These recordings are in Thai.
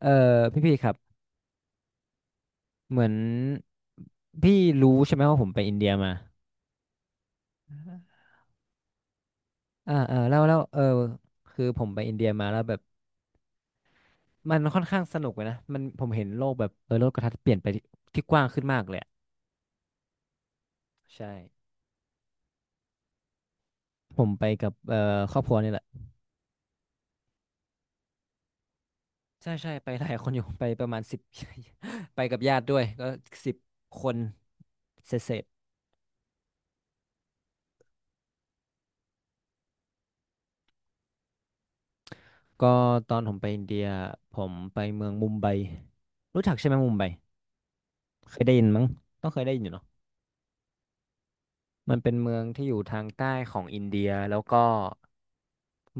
เออพี่พี่ครับเหมือนพี่รู้ใช่ไหมว่าผมไปอินเดียมาอ่าอ่าแล้วแล้วเออคือผมไปอินเดียมาแล้วแบบมันค่อนข้างสนุกเลยนะมันผมเห็นโลกแบบโลกกระทัดเปลี่ยนไปที่ที่กว้างขึ้นมากเลยอะใช่ผมไปกับครอบครัวนี่แหละใช่ใช่ไปหลายคนอยู่ ไปประมาณ10 ไปกับญาติด้วยก็10คนเสร็จๆก็ตอนผมไปอินเดียผมไปเมืองมุมไบรู้จักใช่ไหมมุมไบเคยได้ยินมั้งต้องเคยได้ยินอยู่เนาะ มันเป็นเมืองที่อยู่ทางใต้ของอินเดียแล้วก็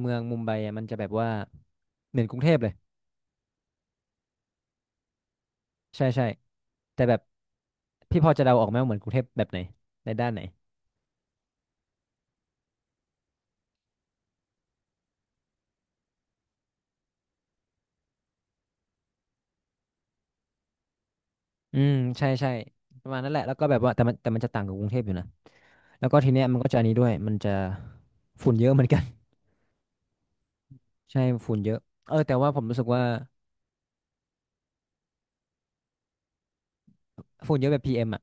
เมืองมุมไบอะมันจะแบบว่าเหมือนกรุงเทพเลยใช่ใช่แต่แบบพี่พอจะเดาออกไหมว่าเหมือนกรุงเทพแบบไหนในด้านไหนอืมใช่ใช่ประมาณนั้นแหละแล้วก็แบบว่าแต่มันจะต่างกับกรุงเทพอยู่นะแล้วก็ทีเนี้ยมันก็จะอันนี้ด้วยมันจะฝุ่นเยอะเหมือนกัน ใช่ฝุ่นเยอะเออแต่ว่าผมรู้สึกว่าฝุ่นเยอะแบบ PM อมอ่ะ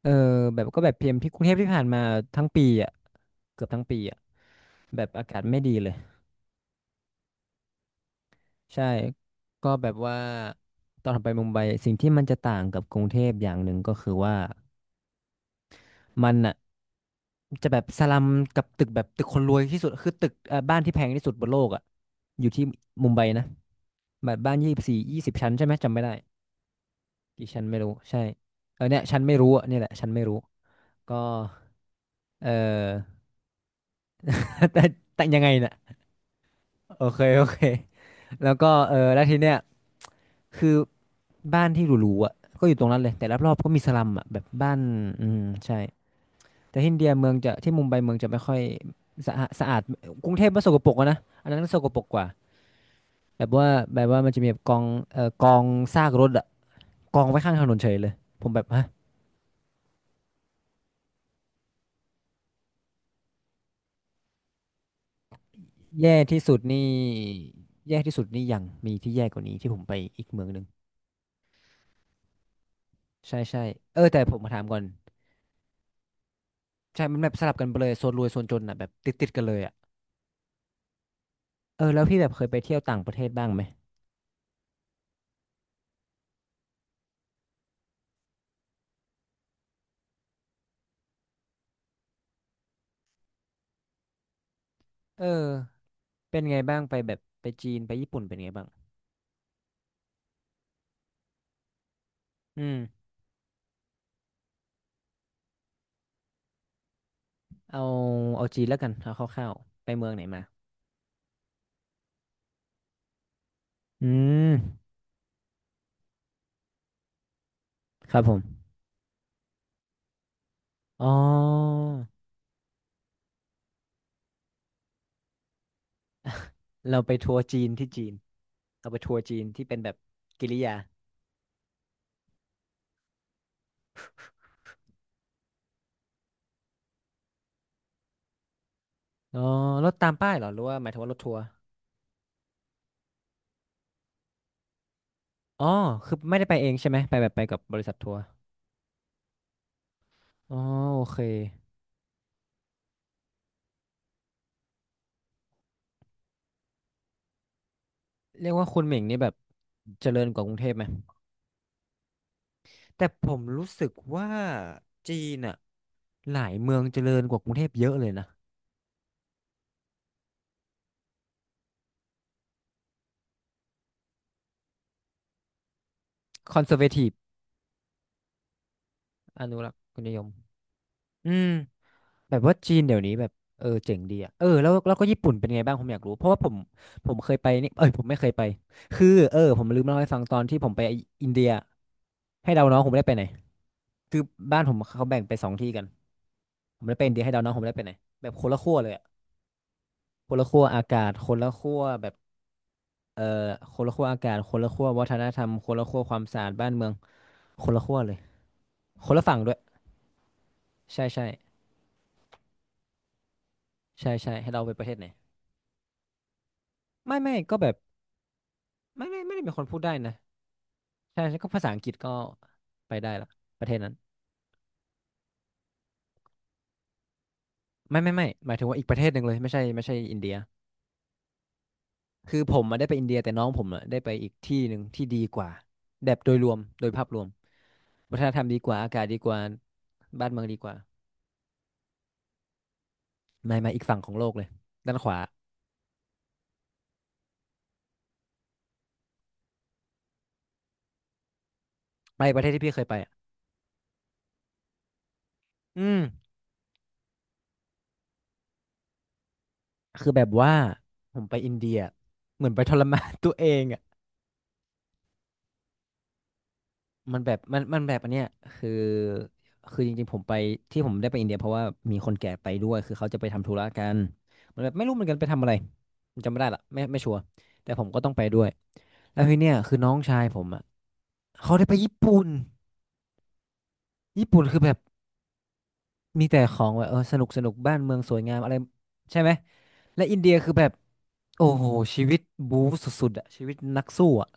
เออแบบก็แบบพีเอ็มที่กรุงเทพที่ผ่านมาทั้งปีอ่ะเกือบทั้งปีอ่ะแบบอากาศไม่ดีเลย ใช่ก็แบบว่าตอนไปมุมไบสิ่งที่มันจะต่างกับกรุงเทพอย่างหนึ่งก็คือว่ามันอ่ะจะแบบสลัมกับตึกแบบตึกคนรวยที่สุดคือตึกบ้านที่แพงที่สุดบนโลกอ่ะอยู่ที่มุมไบนะแบบบ้านยี่สบสี่20ชั้นใช่ไหมจำไม่ได้กี่ชั้นไม่รู้ใช่เออเนี่ยชั้นไม่รู้อ่ะเนี่ยแหละชั้นไม่รู้ก็เออ แต่แต่ยังไงน่ะโอเคโอเคแล้วก็เออแล้วทีเนี้ยคือ บ้านที่หรูๆอ่ะก็อยู่ตรงนั้นเลยแต่รอบๆก็มีสลัมอ่ะแบบบ้านอืมใช่แต่ที่อินเดียเมืองจะที่มุมไบเมืองจะไม่ค่อยสะอาดกรุงเทพมันสกปรกอะนะอันนั้นก็สกปรกกว่าแบบว่าแบบว่ามันจะมีแบบกองกองซากรถอ่ะกองไว้ข้างถนนเฉยเลยผมแบบฮะแย่ที่สุดนี่แย่ที่สุดนี่ยังมีที่แย่กว่านี้ที่ผมไปอีกเมืองหนึ่งใช่ใช่เออแต่ผมมาถามก่อนใช่มันแบบสลับกันไปเลยโซนรวยโซนจนอ่ะแบบติดกันเลยอ่ะเออแล้วพี่แบบเคยไปเที่ยวต่างประเทศบ้างไหม เออเป็นไงบ้างไปแบบไปจีนไปญี่ปุ่นเป็นไงบ้างอืมเอาเอาจีนแล้วกันเอาคร่าวๆไปเมืองไหนมาอืมครับผมอ๋อเราไปทัวร์จีนที่จีนเราไปทัวร์จีนที่เป็นแบบกิริยาอ๋อรถตามป้ายเหรอหรือว่าหมายถึงว่ารถทัวร์อ๋อคือไม่ได้ไปเองใช่ไหมไปแบบไปกับบริษัททัวร์อ๋อโอเคเรียกว่าคุณเหม่งนี่แบบเจริญกว่ากรุงเทพไหมแต่ผมรู้สึกว่าจีนอะหลายเมืองเจริญกว่ากรุงเทพเยอะเลยนะ คอนเซอร์เวทีฟอนุรักษ์นิยมอืมแบบว่าจีนเดี๋ยวนี้แบบเออเจ๋งดีอ่ะเออแล้วก็ญี่ปุ่นเป็นไงบ้างผมอยากรู้เพราะว่าผมผมเคยไปนี่เอ้ยผมไม่เคยไปคือเออผมลืมเล่าให้ฟังตอนที่ผมไปอินเดียให้เดาน้องผมไม่ได้ไปไหนคือบ้านผมเขาแบ่งไป2ที่กันผมไม่ได้ไปอินเดียให้เดาน้องผมไม่ได้ไปไหนแบบคนละขั้วเลยอ่ะคนละขั้วอากาศคนละขั้วแบบเออคนละขั้วอากาศคนละขั้ววัฒนธรรมคนละขั้วความสะอาดบ้านเมืองคนละขั้วเลยคนละฝั่งด้วยใช่ใช่ใช่ให้เราไปประเทศไหน ไม่ก็แบบไม่ไม่ได้เป็นคนพูดได้นะใช่ใช่ก็ภาษาอังกฤษก็ไปได้ละประเทศนั้นไม่ไม่หมายถึงว่าอีกประเทศหนึ่งเลยไม่ใช่ไม่ใช่อินเดียคือผมมาได้ไปอินเดียแต่น้องผมอะได้ไปอีกที่หนึ่งที่ดีกว่าแบบโดยรวมโดยภาพรวมวัฒนธรรมดีกว่าอากาศดีกว่าบ้านเมืองดีกว่าไม่มาอีกฝั่งของโลกเลยด้านขวาไปประเทศที่พี่เคยไปอะอืมคือแบบว่าผมไปอินเดียเหมือนไปทรมาน ตัวเองอะ มันแบบอันเนี้ยคือคือจริงๆผมไปที่ผมได้ไปอินเดียเพราะว่ามีคนแก่ไปด้วยคือเขาจะไปทำธุระกันมันแบบไม่รู้เหมือนกันไปทำอะไรผมจำไม่ได้ละไม่ชัวร์แต่ผมก็ต้องไปด้วยแล้วทีเนี้ยคือน้องชายผมอ่ะเขาได้ไปญี่ปุ่นญี่ปุ่นคือแบบมีแต่ของแบบเออสนุกสนุกบ้านเมืองสวยงามอะไรใช่ไหมและอินเดียคือแบบโอ้โหชีวิตบู๊สุดๆอ่ะชีวิตนักสู้อ่ะ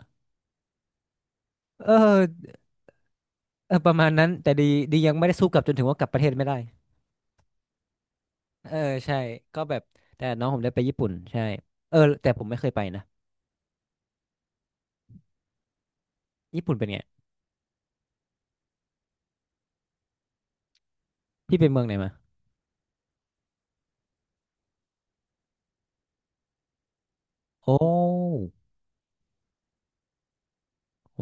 เออเออประมาณนั้นแต่ดียังไม่ได้สู้กลับจนถึงว่ากลับประเทศไม่ได้ เออใช่ก็แบบแต่น้องผมได้ไปญี่ปุ่นใช่เออแต่ผมไม่เคยไปนะญี่ปุ่นเป็นไงพี่ไปเมืองไหนมาโอ้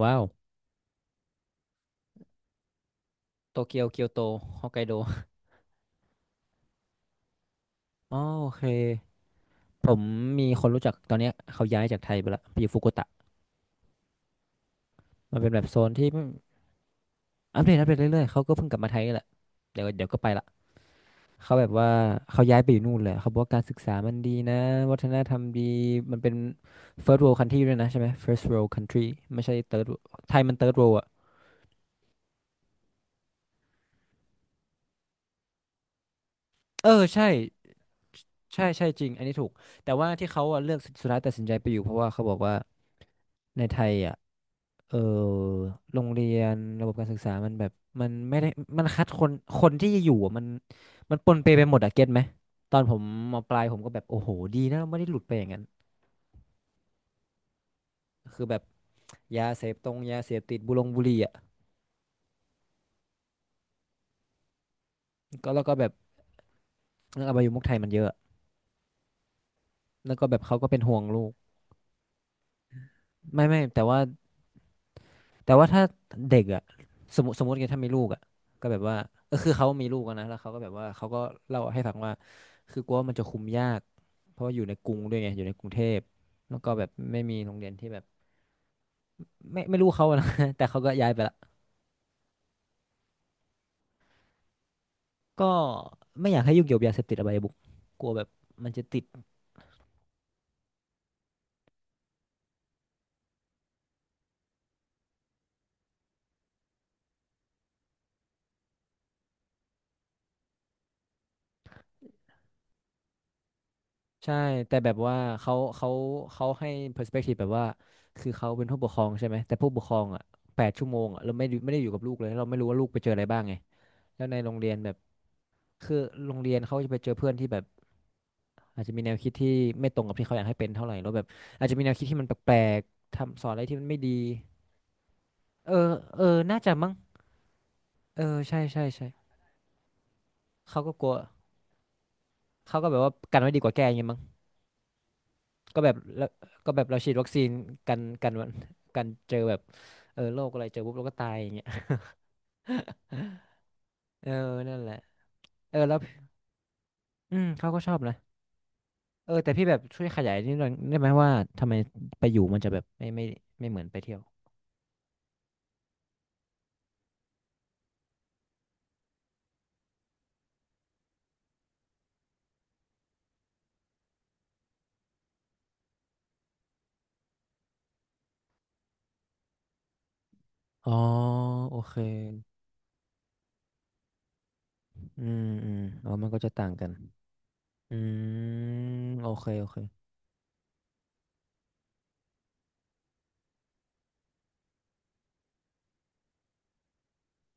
ว้าวโตเกียวเกียวโตฮอกไกโดอ๋อโอเคผมมีคนรู้จักตอนเนี้ยเขาย้ายจากไทยไปละไปอยู่ฟุกุโอกตะมันเป็นแบบโซนที่อัปเดตอัปเดตเรื่อยๆเขาก็เพิ่งกลับมาไทยนี่แหละเดี๋ยวเดี๋ยวก็ไปละเขาแบบว่าเขาย้ายไปอยู่นู่นเลยเขาบอกว่าการศึกษามันดีนะวัฒนธรรมดีมันเป็น first world country ด้วยนะใช่ไหม first world country ไม่ใช่ third world ไทยมัน third world อ่ะเออใช่ ใช่ใช่จริงอันนี้ถูกแต่ว่าที่เขาอะเลือกสุดท้ายตัดสินใจไปอยู่เพราะว่าเขาบอกว่าในไทยอ่ะเออโรงเรียนระบบการศึกษามันแบบมันไม่ได้มันคัดคนคนที่อยู่อะมันมันปนเปไปหมดอะเก็ตไหมตอนผมมปลายผมก็แบบโอ้โหดีนะเราไม่ได้หลุดไปอย่างนั้นคือแบบยาเสพตรงยาเสพติดบุรงบุหรี่อ่ะก็แล้วก็แบบเรื่องอบายมุขไทยมันเยอะแล้วก็แบบเขาก็เป็นห่วงลูกไม่แต่ว่าถ้าเด็กอ่ะสมมติไงถ้ามีลูกอ่ะก็แบบว่าเออคือเขามีลูกอะนะแล้วเขาก็แบบว่าเขาก็เล่าให้ฟังว่าคือกลัวว่ามันจะคุมยากเพราะว่าอยู่ในกรุงด้วยไงอยู่ในกรุงเทพแล้วก็แบบไม่มีโรงเรียนที่แบบไม่รู้เขาอะนะ แต่เขาก็ย้ายไปละก็ไม่อยากให้ยุ่งเกี่ยวกับยาเสพติดอบายมุขกลัวแบบมันจะติดใช่แต่แบบว่าเขาให้ perspective แบบว่าคือเขาเป็นผู้ปกครองใช่ไหมแต่ผู้ปกครองอ่ะแปดชั่วโมงอ่ะเราไม่ได้อยู่กับลูกเลยแล้วเราไม่รู้ว่าลูกไปเจออะไรบ้างไงแล้วในโรงเรียนแบบ คือโรงเรียนเขาจะไปเจอเพื่อนที่แบบอาจจะมีแนวคิดที่ไม่ตรงกับที่เขาอยากให้เป็นเท่าไหร่แล้วแบบอาจจะมีแนวคิดที่มันแปลกๆทำสอนอะไรที่มันไม่ดีเออเออน่าจะมั้งเออใช่ใช่ใช่เขาก็กลัวเขาก็แบบว่ากันไว้ดีกว่าแก้อย่างเงี้ยมั้งก็แบบแล้วก็แบบเราฉีดวัคซีนกันวันกันเจอแบบเออโรคอะไรเจอปุ๊บเราก็ตายอย่างเงี้ยเออนั่นแหละเออแล้วอืมเขาก็ชอบนะเออแต่พี่แบบช่วยขยายนิดหน่อยได้ไหมว่าทำไมไปอยู่มันจะแบบไม่เหมือนไปเที่ยวอ๋อโอเค อืมอืมอ๋อมันก็จะต่างกันอืมโอเคโอเค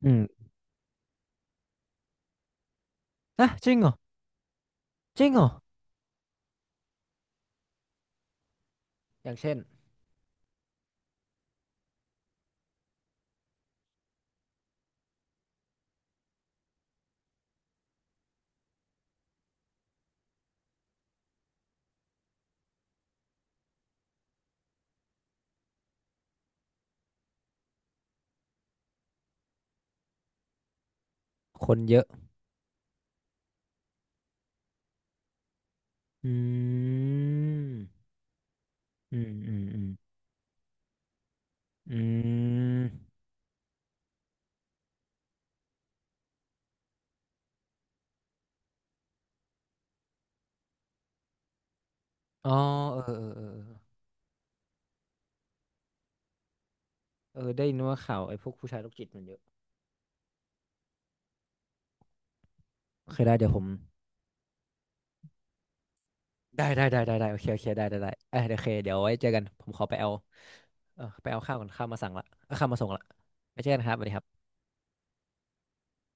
อืมอ่ะจริงเหรอจริงเหรออย่างเช่นคนเยอะอืมอืมอืมอืมอืมอ๋อเออเออเออเออเออได้ยินว่าข่าวไอ้พวกผู้ชายโรคจิตมันเยอะโอเคได้เดี๋ยวผมได้ได้ได้ได้ได้โอเคโอเคได้ได้ได้เออโอเคเดี๋ยวไว้เจอกันผมขอไปเอาเออไปเอาข้าวก่อนข้าวมาสั่งละเออข้าวมาส่งละไว้เจอกันครับสวัสดีครับ